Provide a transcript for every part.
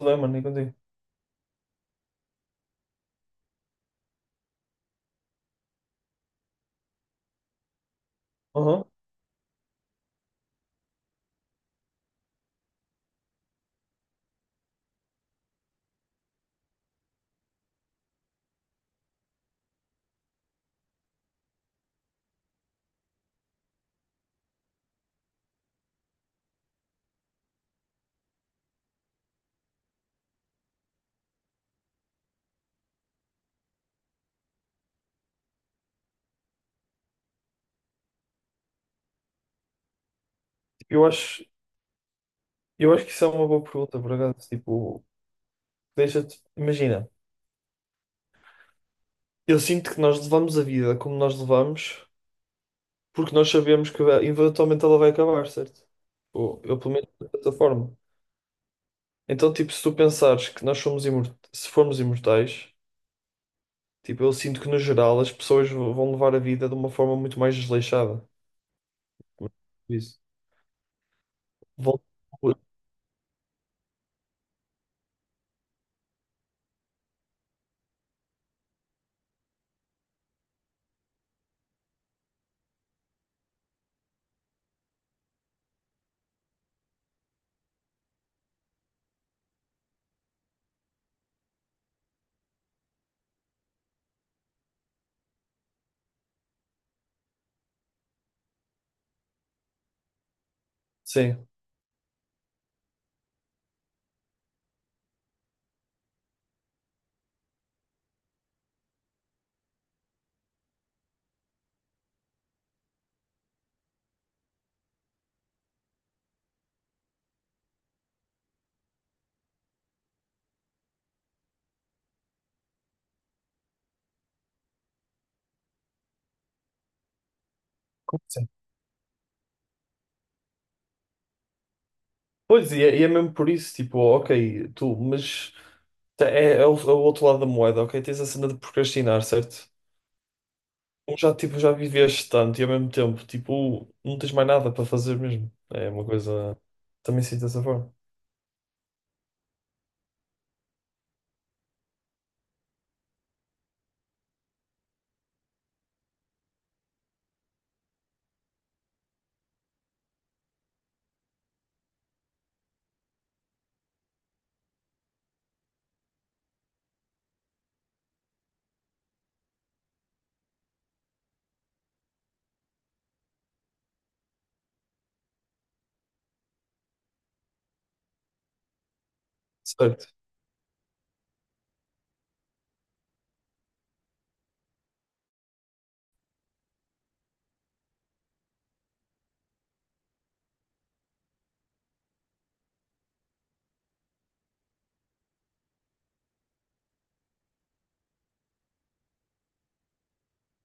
Não, mano, nem contigo. Aham. Eu acho, eu acho que isso é uma boa pergunta, por acaso. Tipo, deixa-te. Imagina, eu sinto que nós levamos a vida como nós levamos, porque nós sabemos que eventualmente ela vai acabar, certo? Ou eu, pelo menos, de certa forma. Então, tipo, se tu pensares que nós somos se formos imortais, tipo, eu sinto que, no geral, as pessoas vão levar a vida de uma forma muito mais desleixada. Isso. Vão... Sim. Como assim? Pois, e é mesmo por isso, tipo, ok, tu, mas. Tá, é o, é o outro lado da moeda, ok? Tens a cena de procrastinar, certo? Como já, tipo, já viveste tanto e, ao mesmo tempo, tipo, não tens mais nada para fazer mesmo. É uma coisa. Também sinto dessa forma. Certo.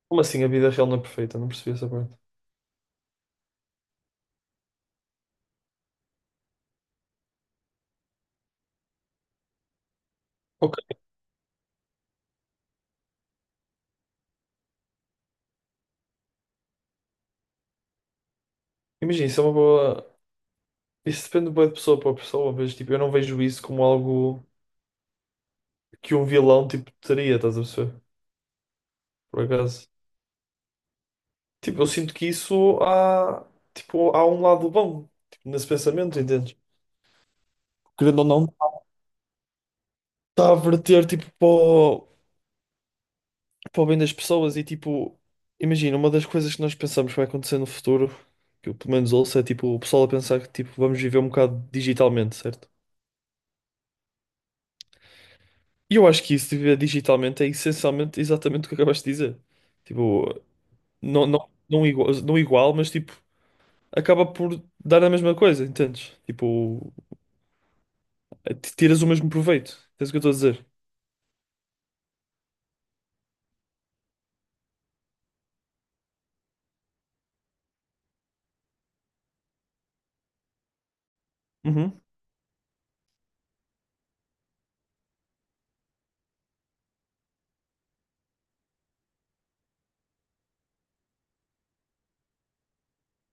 Como assim a vida real não é perfeita? Não percebi essa parte. Ok. Imagina, isso é uma boa. Isso depende bué de pessoa para pessoa, mas tipo, eu não vejo isso como algo que um vilão tipo teria, estás a perceber? Por acaso. Tipo, eu sinto que isso há. Tipo, há um lado bom, tipo, nesse pensamento, entendes? Querendo ou não. Está a verter tipo para o, para o bem das pessoas e tipo, imagina, uma das coisas que nós pensamos que vai acontecer no futuro, que eu pelo menos ouço, é tipo o pessoal a pensar que tipo vamos viver um bocado digitalmente, certo? E eu acho que isso de viver digitalmente é essencialmente exatamente o que acabaste de dizer. Tipo, não, não, não igual, não igual, mas tipo, acaba por dar a mesma coisa, entendes? Tipo, tiras o mesmo proveito. Entendes o que eu estou a dizer? Uhum.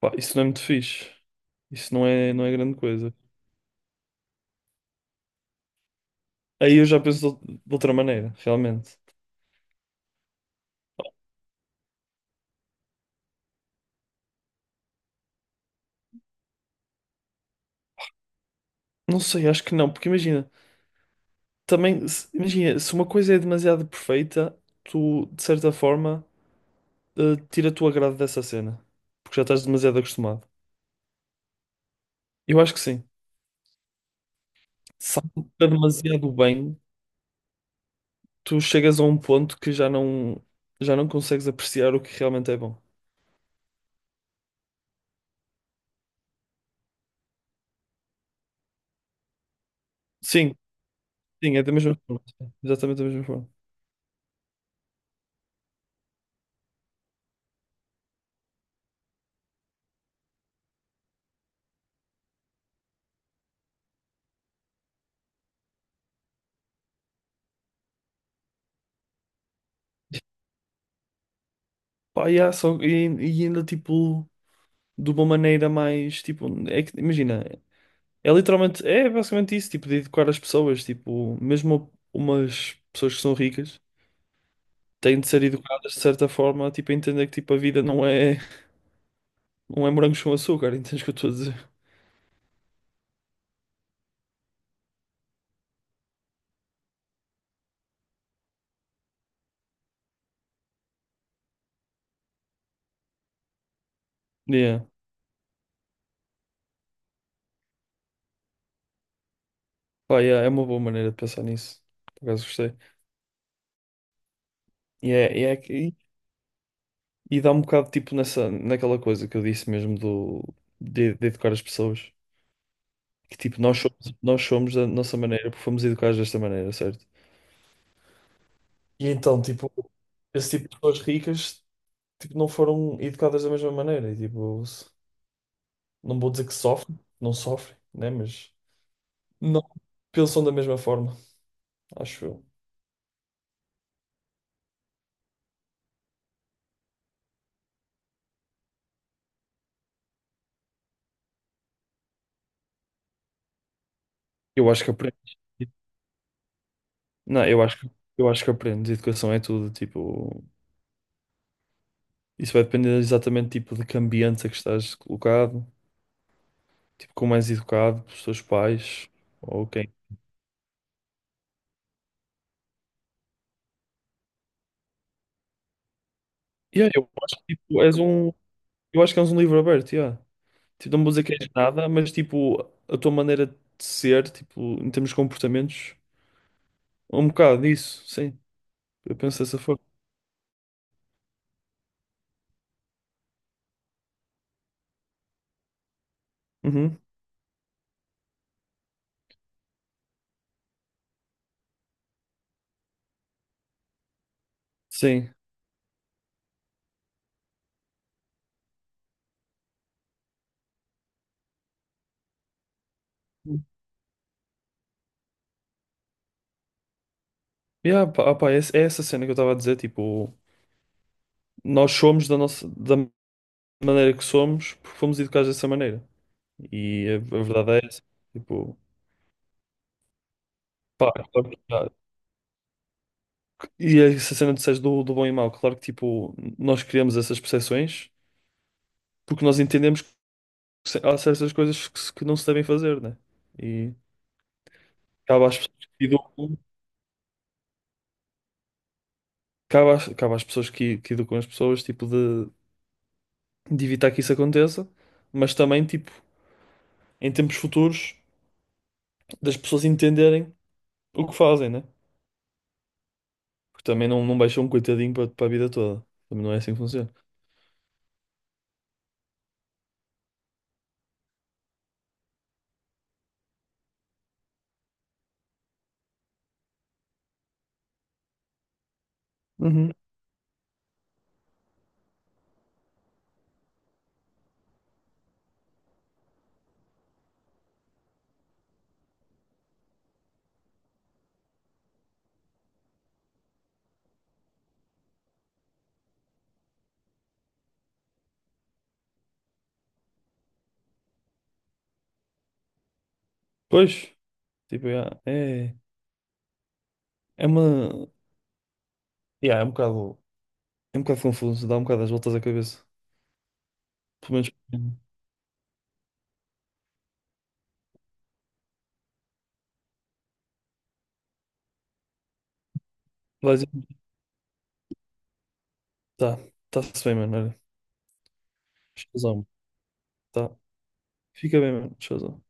Pá, isso não é muito fixe. Isso não é, não é grande coisa. Aí eu já penso de de outra maneira, realmente. Não sei, acho que não, porque imagina, também, imagina, se uma coisa é demasiado perfeita, tu, de certa forma, tira tu agrado dessa cena, porque já estás demasiado acostumado. Eu acho que sim. Se algo está demasiado bem, tu chegas a um ponto que já não consegues apreciar o que realmente é bom. Sim, sim, é da mesma forma. Exatamente da mesma forma. Pá, e ainda tipo, de uma maneira mais, tipo, é que, imagina. É literalmente, é basicamente isso, tipo, de educar as pessoas, tipo, mesmo umas pessoas que são ricas têm de ser educadas de certa forma, tipo, a entender que tipo, a vida não é, não é morangos com açúcar, entendes o que eu estou a dizer? Yeah. Pá, yeah, é uma boa maneira de pensar nisso, por acaso gostei. E é e dá um bocado, tipo, nessa, naquela coisa que eu disse mesmo do, de educar as pessoas, que tipo, nós somos da nossa maneira porque fomos educados desta maneira, certo? E então, tipo, esse tipo de pessoas ricas. Tipo, não foram educadas da mesma maneira. E, tipo, não vou dizer que sofrem, não sofrem, né? Mas não pensam da mesma forma, acho eu. Eu acho que aprendes. Não, eu acho que aprendes. Educação é tudo, tipo, isso vai depender exatamente tipo de que ambiente é que estás colocado, tipo, como és educado pelos teus pais ou quem. Yeah, eu acho que tipo, eu acho que és um livro aberto, yeah. Tipo, não vou dizer que és nada, mas tipo, a tua maneira de ser, tipo, em termos de comportamentos. Um bocado isso, sim. Eu penso dessa forma. Uhum. Sim. Yeah, pá, ah, pá, é, é essa cena que eu estava a dizer, tipo, nós somos da nossa, da maneira que somos porque fomos educados dessa maneira. E a verdade é essa. Tipo, pá, e é essa cena que disseste do, do bom e mau, claro que, tipo, nós criamos essas percepções porque nós entendemos que há certas coisas que, que não se devem fazer, né? E cabe às pessoas que educam, cabe às pessoas que educam as pessoas, tipo, de evitar que isso aconteça, mas também, tipo, em tempos futuros, das pessoas entenderem o que fazem, né? Porque também não baixam um coitadinho para para a vida toda. Também não é assim que funciona. Uhum. Pois, tipo, yeah, é, é uma. Yeah, é um bocado confuso, dá um bocado as voltas à cabeça. Pelo menos. Vai dizer, tá, tá-se bem, mano. Olha, showzão, tá. Fica bem, mano. Showzão.